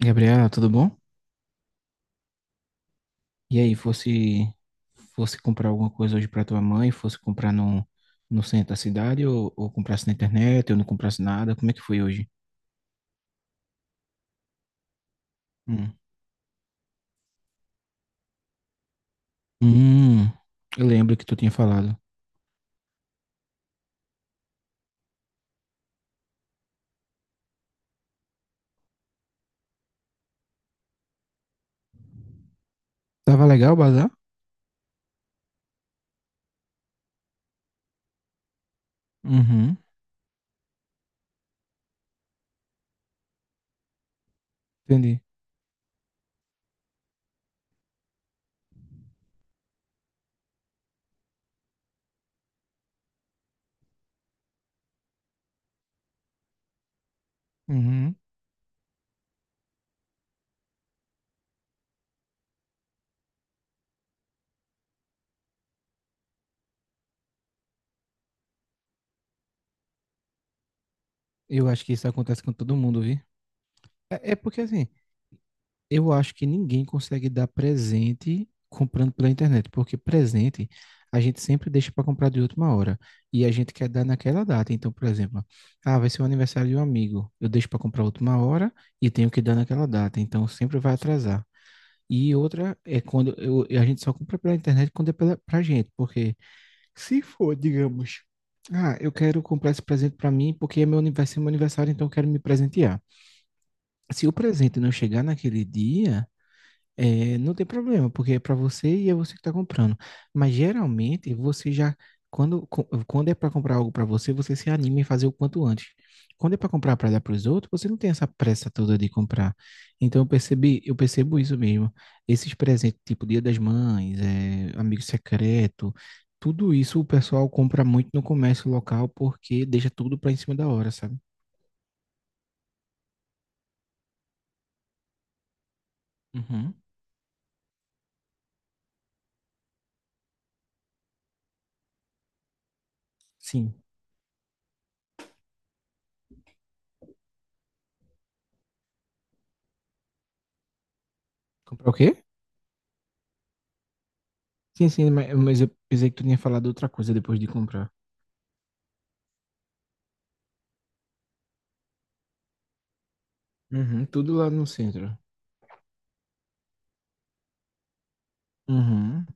Gabriela, tudo bom? E aí, fosse comprar alguma coisa hoje para tua mãe, fosse comprar no centro da cidade ou comprasse na internet ou não comprasse nada, como é que foi hoje? Hum. Hum, eu lembro que tu tinha falado. Tava legal o bazar? Uhum, entendi. Uhum. Eu acho que isso acontece com todo mundo, vi? É porque assim, eu acho que ninguém consegue dar presente comprando pela internet, porque presente a gente sempre deixa para comprar de última hora e a gente quer dar naquela data. Então, por exemplo, ah, vai ser o aniversário de um amigo, eu deixo para comprar última hora e tenho que dar naquela data, então sempre vai atrasar. E outra é a gente só compra pela internet quando é pra gente, porque se for, digamos, ah, eu quero comprar esse presente para mim porque é meu aniversário, então eu quero me presentear. Se o presente não chegar naquele dia não tem problema, porque é para você e é você que está comprando. Mas geralmente você já, quando é para comprar algo para você, você se anima em fazer o quanto antes. Quando é para comprar para dar para os outros, você não tem essa pressa toda de comprar. Então eu percebo isso mesmo. Esses presentes, tipo Dia das Mães, é, amigo secreto, tudo isso o pessoal compra muito no comércio local porque deixa tudo para em cima da hora, sabe? Uhum. Sim. Comprar o quê? Sim, sim, mas eu pensei que tu tinha falado outra coisa depois de comprar. Uhum, tudo lá no centro. Uhum,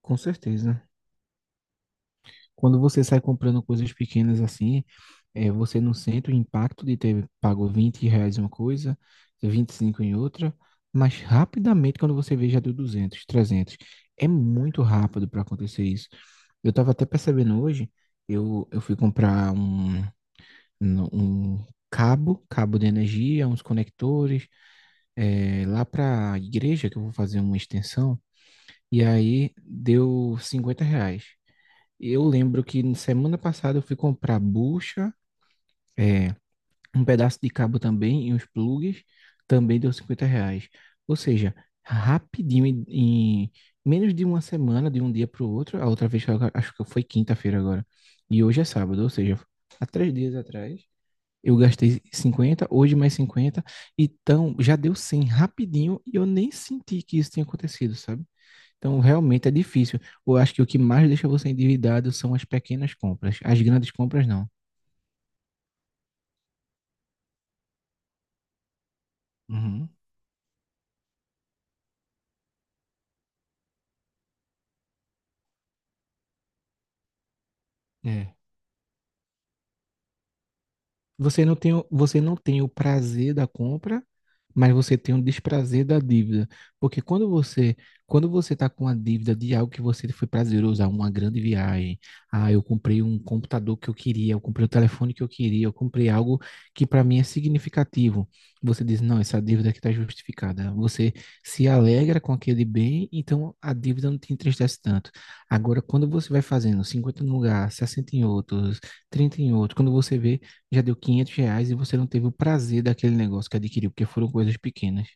com certeza. Quando você sai comprando coisas pequenas assim, é, você não sente o impacto de ter pago R$ 20 em uma coisa, 25 em outra, mas rapidamente quando você vê já deu 200, 300, é muito rápido para acontecer isso. Eu estava até percebendo hoje, eu fui comprar um cabo, cabo de energia, uns conectores, é, lá para a igreja que eu vou fazer uma extensão. E aí deu R$ 50. Eu lembro que na semana passada eu fui comprar bucha, é, um pedaço de cabo também e uns plugs, também deu R$ 50. Ou seja, rapidinho, em menos de uma semana, de um dia para o outro, a outra vez, acho que foi quinta-feira agora, e hoje é sábado, ou seja, há 3 dias atrás, eu gastei 50, hoje mais 50, então já deu 100 rapidinho e eu nem senti que isso tinha acontecido, sabe? Então, realmente é difícil. Eu acho que o que mais deixa você endividado são as pequenas compras. As grandes compras, não. Uhum. É. Você não tem, você não tem o prazer da compra, mas você tem o desprazer da dívida. Porque quando você está com a dívida de algo que você foi prazeroso, ah, uma grande viagem, ah, eu comprei um computador que eu queria, eu comprei o telefone que eu queria, eu comprei algo que para mim é significativo. Você diz, não, essa dívida aqui está justificada. Você se alegra com aquele bem, então a dívida não te entristece tanto. Agora, quando você vai fazendo 50 num lugar, 60 em outros, 30 em outro, quando você vê já deu R$ 500 e você não teve o prazer daquele negócio que adquiriu, porque foram coisas pequenas.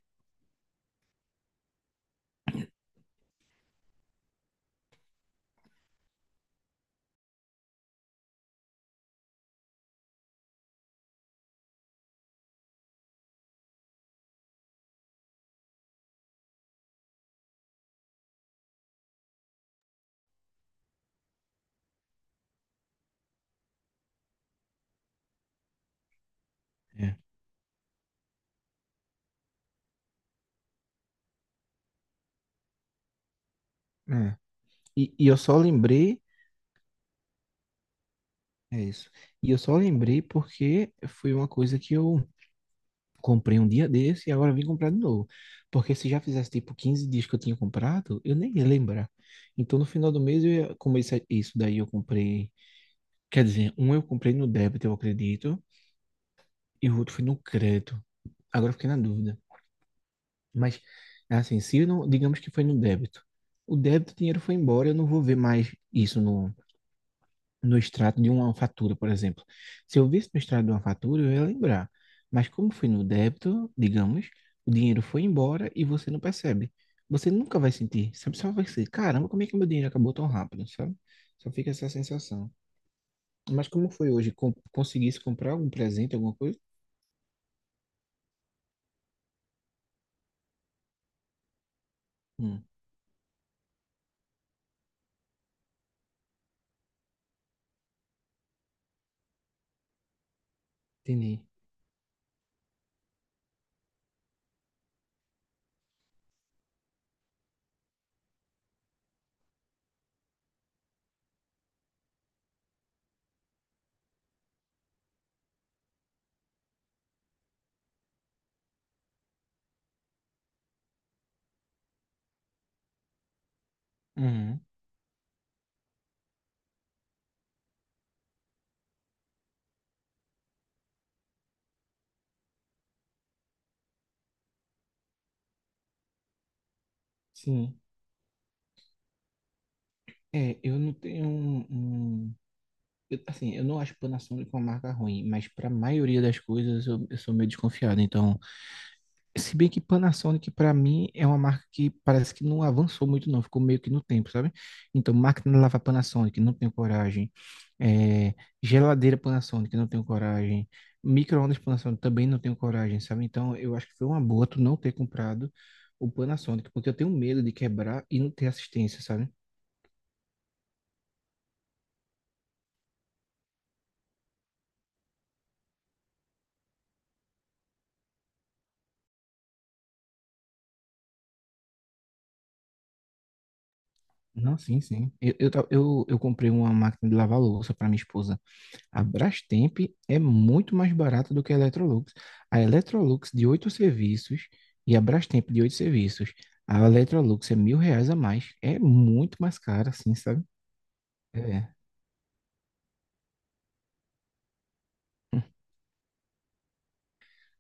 É. É. E eu só lembrei, é isso. E eu só lembrei porque foi uma coisa que eu comprei um dia desse e agora vim comprar de novo. Porque se já fizesse tipo 15 dias que eu tinha comprado, eu nem ia lembrar. Então no final do mês eu ia, isso daí eu comprei, quer dizer, um eu comprei no débito, eu acredito, e o outro foi no crédito. Agora eu fiquei na dúvida. Mas, assim, se não, digamos que foi no débito. O débito, o dinheiro foi embora, eu não vou ver mais isso no extrato de uma fatura, por exemplo. Se eu visse no extrato de uma fatura, eu ia lembrar. Mas como foi no débito, digamos, o dinheiro foi embora e você não percebe. Você nunca vai sentir, sabe? Só vai ser, caramba, como é que meu dinheiro acabou tão rápido, sabe? Só fica essa sensação. Mas como foi hoje? Conseguisse comprar algum presente, alguma coisa? Hum, entendi. Uhum, sim. É, eu não tenho eu- assim, eu não acho Panasonic uma marca ruim, mas para a maioria das coisas eu sou meio desconfiado. Então, se bem que Panasonic para mim é uma marca que parece que não avançou muito, não, ficou meio que no tempo, sabe? Então, máquina de lavar Panasonic, não tenho coragem. É, geladeira Panasonic, não tenho coragem. Micro-ondas Panasonic também não tenho coragem, sabe? Então, eu acho que foi uma boa tu não ter comprado o Panasonic, porque eu tenho medo de quebrar e não ter assistência, sabe? Não, sim, sim. Eu comprei uma máquina de lavar louça para minha esposa. A Brastemp é muito mais barata do que a Electrolux. A Electrolux de 8 serviços e a Brastemp de 8 serviços. A Electrolux é R$ 1.000 a mais. É muito mais cara, assim, sabe? É.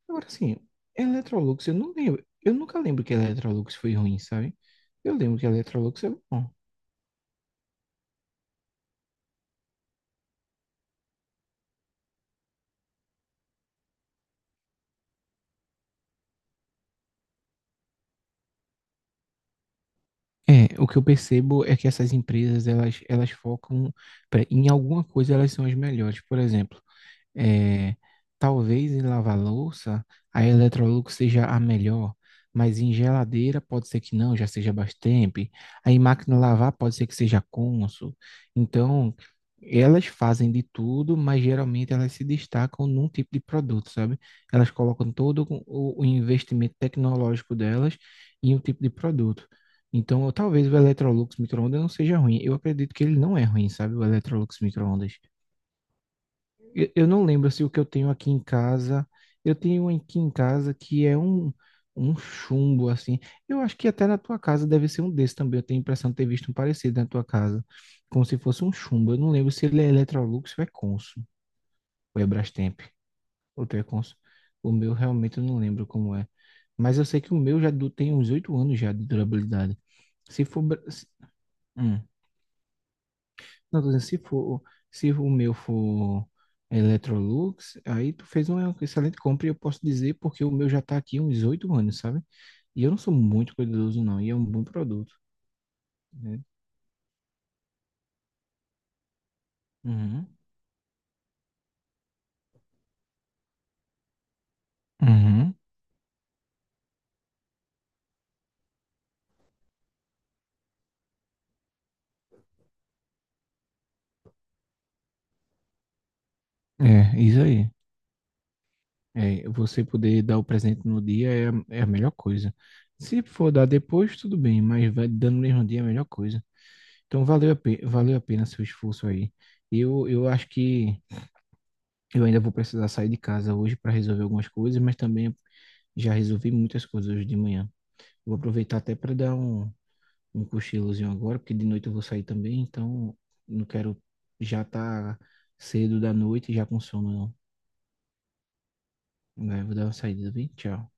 Agora, assim, Electrolux, eu não lembro. Eu nunca lembro que a Electrolux foi ruim, sabe? Eu lembro que a Electrolux é bom. É, o que eu percebo é que essas empresas, elas focam em alguma coisa, elas são as melhores. Por exemplo, é, talvez em lava-louça a Electrolux seja a melhor, mas em geladeira pode ser que não, já seja Brastemp. Aí em máquina de lavar pode ser que seja Consul. Então, elas fazem de tudo, mas geralmente elas se destacam num tipo de produto, sabe? Elas colocam o investimento tecnológico delas em um tipo de produto. Então, talvez o Electrolux micro-ondas não seja ruim. Eu acredito que ele não é ruim, sabe? O Electrolux micro-ondas. Eu não lembro se o que eu tenho aqui em casa. Eu tenho um aqui em casa que é um chumbo, assim. Eu acho que até na tua casa deve ser um desse também. Eu tenho a impressão de ter visto um parecido na tua casa. Como se fosse um chumbo. Eu não lembro se ele é Electrolux ou é Consul. Ou é Brastemp. Ou tu é Consul. O meu realmente eu não lembro como é. Mas eu sei que o meu tem uns 8 anos já de durabilidade. Se for. Bra- se- hum. Não, tô dizendo, se for, se o meu for Electrolux, aí tu fez uma excelente compra e eu posso dizer porque o meu já tá aqui há uns 8 anos, sabe? E eu não sou muito cuidadoso, não, e é um bom produto, né? Uhum. Uhum. É, isso aí. É, você poder dar o presente no dia é, é a melhor coisa. Se for dar depois, tudo bem, mas vai dando no mesmo dia é a melhor coisa. Então valeu valeu a pena seu esforço aí. Eu acho que eu ainda vou precisar sair de casa hoje para resolver algumas coisas, mas também já resolvi muitas coisas hoje de manhã. Vou aproveitar até para dar um cochilozinho agora, porque de noite eu vou sair também, então não quero já estar cedo da noite e já com sono, não. Né? Vou dar uma saída, viu? Tchau.